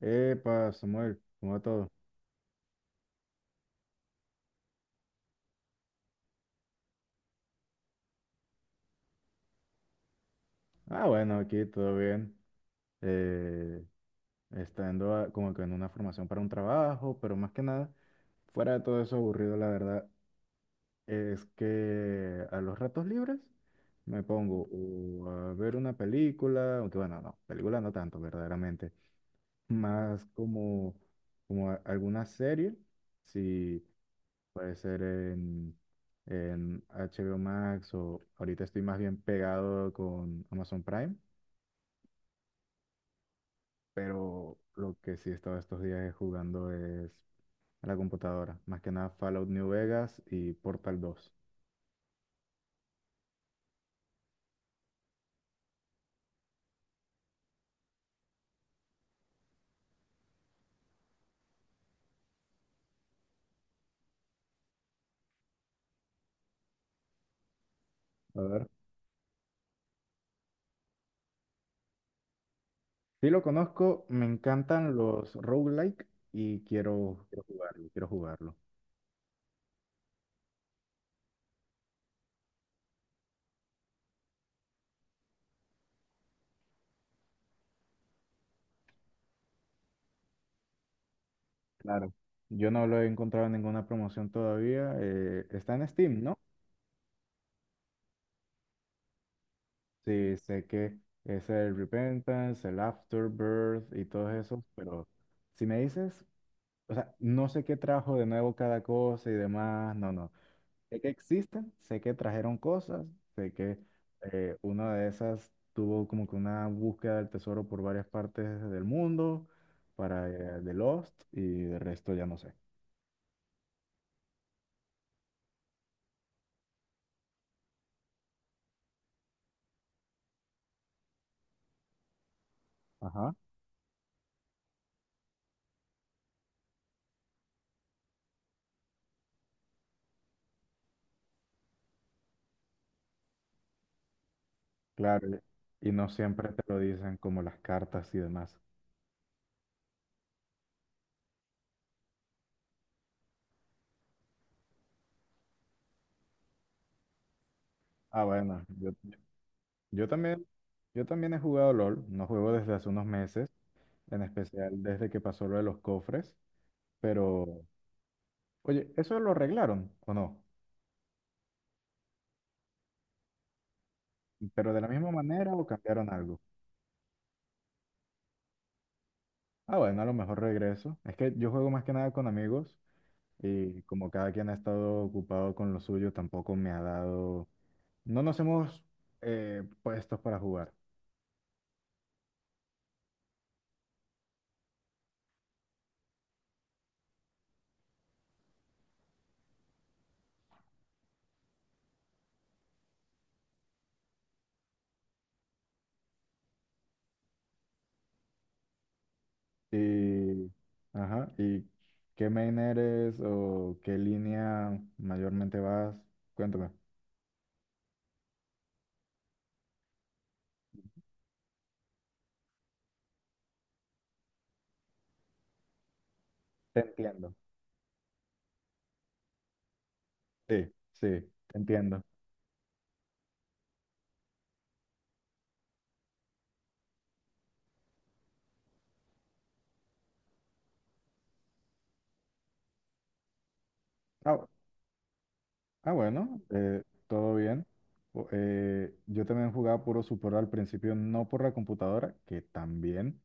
Epa, Samuel, ¿cómo va todo? Ah, bueno, aquí todo bien. Eh, estando como que en una formación para un trabajo, pero más que nada, fuera de todo eso aburrido, la verdad, es que a los ratos libres me pongo o a ver una película, aunque bueno, no, película no tanto, verdaderamente, más como alguna serie, si. Puede ser en HBO Max o ahorita estoy más bien pegado con Amazon Prime, pero lo que sí he estado estos días es jugando es a la computadora. Más que nada Fallout New Vegas y Portal 2. A ver. Sí lo conozco, me encantan los roguelike y quiero jugarlo, quiero jugarlo. Claro. Yo no lo he encontrado en ninguna promoción todavía. Está en Steam, ¿no? Sí, sé que es el Repentance, el Afterbirth y todos esos, pero si me dices, o sea, no sé qué trajo de nuevo cada cosa y demás, no, no. Sé que existen, sé que trajeron cosas, sé que una de esas tuvo como que una búsqueda del tesoro por varias partes del mundo para The Lost y de resto ya no sé. Ajá, claro, y no siempre te lo dicen como las cartas y demás. Ah, bueno, Yo también, yo también, he jugado LOL, no juego desde hace unos meses, en especial desde que pasó lo de los cofres, pero oye, ¿eso lo arreglaron o no? ¿Pero de la misma manera o cambiaron algo? Ah, bueno, a lo mejor regreso. Es que yo juego más que nada con amigos y como cada quien ha estado ocupado con lo suyo, tampoco me ha dado. No nos hemos puestos para jugar. Y... Ajá, ¿y qué main eres o qué línea mayormente vas? Cuéntame. Te entiendo. Sí, sí, te entiendo. Ah, bu- ah, bueno, todo bien. Yo también jugaba puro Super al principio, no por la computadora, que también,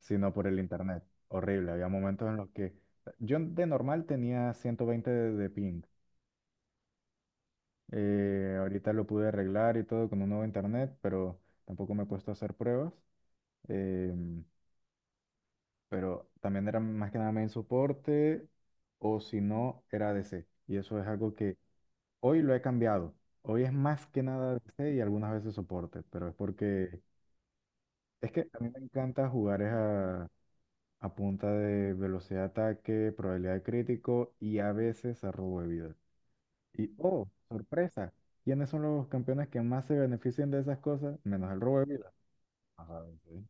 sino por el internet. Horrible, había momentos en los que yo de normal tenía 120 de ping. Ahorita lo pude arreglar y todo con un nuevo internet, pero tampoco me he puesto a hacer pruebas. Em, pero también era más que nada main soporte o si no, era ADC. Y eso es algo que hoy lo he cambiado. Hoy es más que nada DC y algunas veces soporte, pero es porque es que a mí me encanta jugar es a punta de velocidad de ataque, probabilidad de crítico y a veces a robo de vida. Y oh, sorpresa, ¿quiénes son los campeones que más se benefician de esas cosas? Menos el robo de vida. Ajá, ok.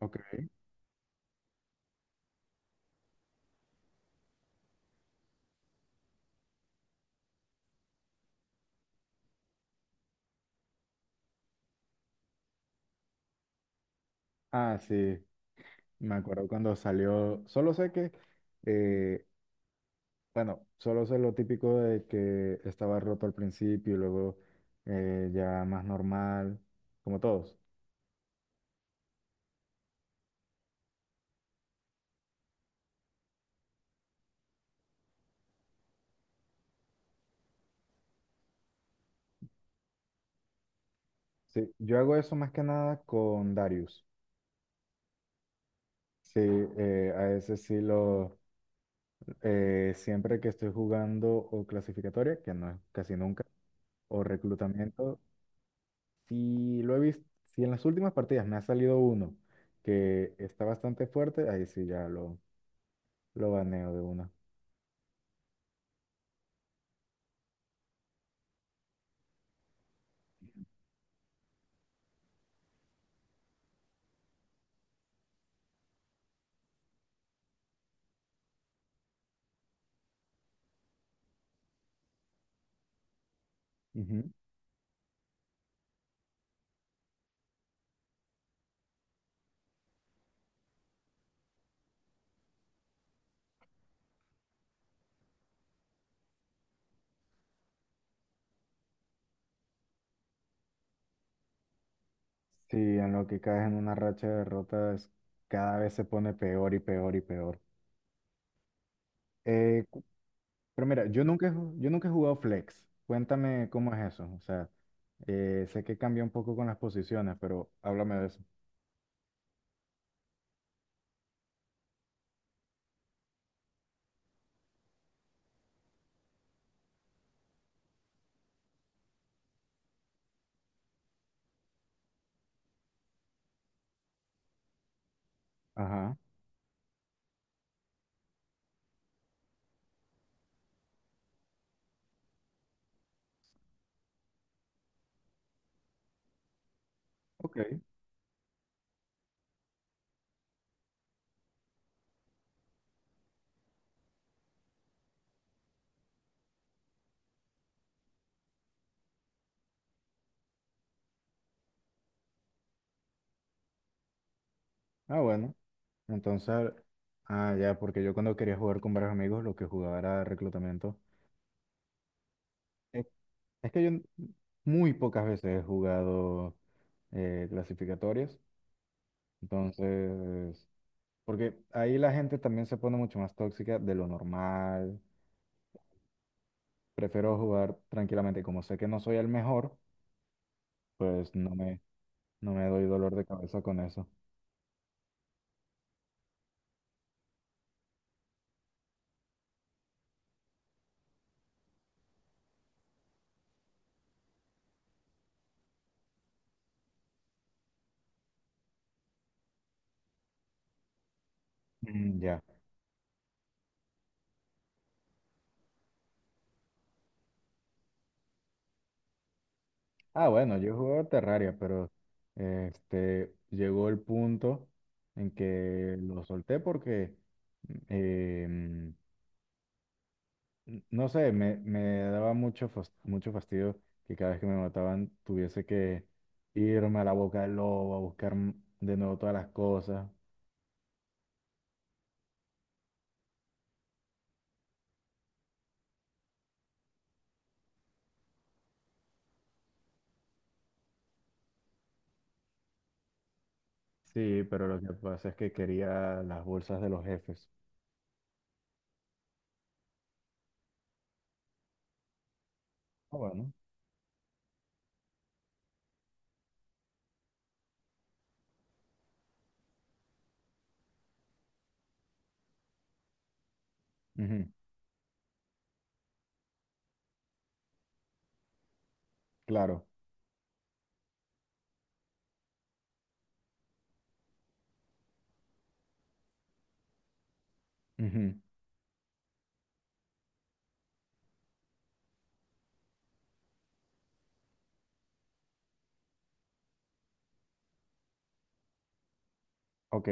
Ok. Ah, sí, me acuerdo cuando salió, solo sé que eh, Bueno, solo sé lo típico de que estaba roto al principio y luego ya más normal, como todos. Sí, yo hago eso más que nada con Darius. Sí, a ese sí siempre que estoy jugando o clasificatoria, que no es casi nunca, o reclutamiento, sí, lo he visto, si en las últimas partidas me ha salido uno que está bastante fuerte, ahí sí ya lo baneo de una. Sí, en lo que caes en una racha de derrotas, cada vez se pone peor y peor y peor. Eh, cu- pero mira, yo nunca he jugado flex. Cuéntame cómo es eso. O sea, sé que cambia un poco con las posiciones, pero háblame de eso. Ajá, ok. Ah, bueno. Entonces, ah, ya, porque yo cuando quería jugar con varios amigos, lo que jugaba era reclutamiento. Eh, Es que yo muy pocas veces he jugado clasificatorias. Entonces, porque ahí la gente también se pone mucho más tóxica de lo normal. Prefiero jugar tranquilamente. Como sé que no soy el mejor, pues no me doy dolor de cabeza con eso. Mm, ya. Ah, bueno, yo jugué Terraria, pero este, llegó el punto en que lo solté porque, em, no sé, me daba mucho fastidio que cada vez que me mataban tuviese que irme a la boca del lobo a buscar de nuevo todas las cosas. Sí, pero lo que pasa es que quería las bolsas de los jefes. Ah, bueno. Ujú. Claro. Ujú. Ok,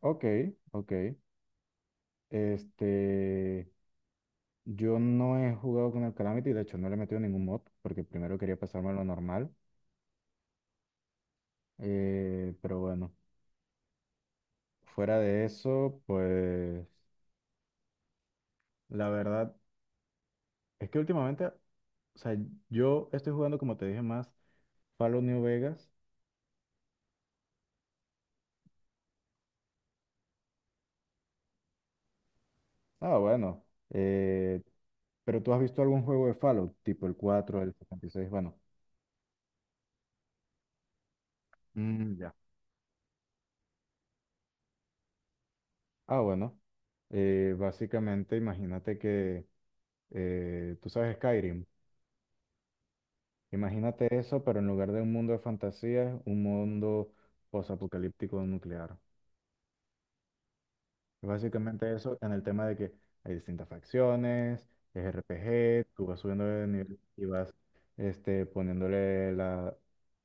ok, ok. Este, yo no he jugado con el Calamity, de hecho no le he metido ningún mod, porque primero quería pasarme lo normal. Pero bueno, fuera de eso, pues la verdad es que últimamente, o sea, yo estoy jugando, como te dije, más Fallout New Vegas. Ah, bueno. Pero tú has visto algún juego de Fallout, tipo el 4, el 76, bueno. Mm, ya. Ah, bueno. Básicamente, imagínate que tú sabes Skyrim. Imagínate eso, pero en lugar de un mundo de fantasía, un mundo posapocalíptico nuclear. Básicamente eso en el tema de que hay distintas facciones, es RPG, tú vas subiendo de nivel y vas poniéndole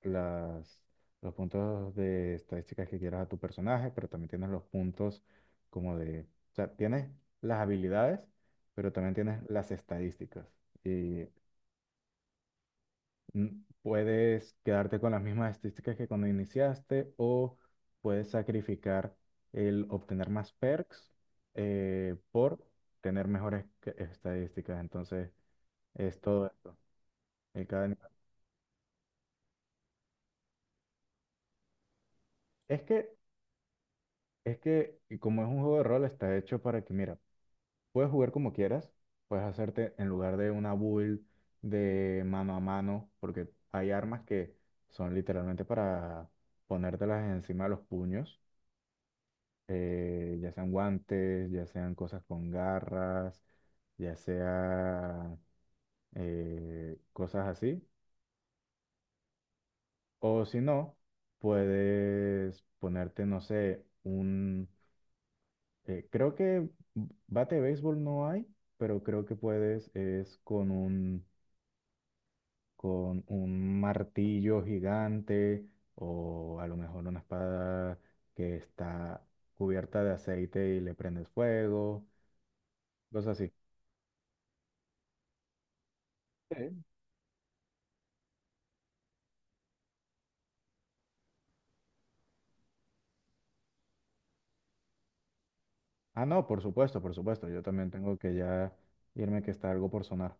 las, los puntos de estadísticas que quieras a tu personaje, pero también tienes los puntos como de, o sea, tienes las habilidades, pero también tienes las estadísticas. Y puedes quedarte con las mismas estadísticas que cuando iniciaste o puedes sacrificar el obtener más perks por tener mejores estadísticas. Entonces, es todo esto. Y cada animal. Es que, es que y como es un juego de rol, está hecho para que, mira, puedes jugar como quieras, puedes hacerte en lugar de una build de mano a mano, porque hay armas que son literalmente para ponértelas encima de los puños, ya sean guantes, ya sean cosas con garras, ya sea cosas así. O si no, puedes ponerte, no sé, creo que bate de béisbol no hay, pero creo que puedes es con un martillo gigante o a lo mejor una espada que está cubierta de aceite y le prendes fuego, cosas así. Ah, no, por supuesto, por supuesto. Yo también tengo que ya irme que está algo por sonar.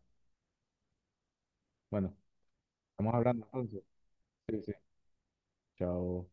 Bueno, estamos hablando entonces. Sí, sí. Chao.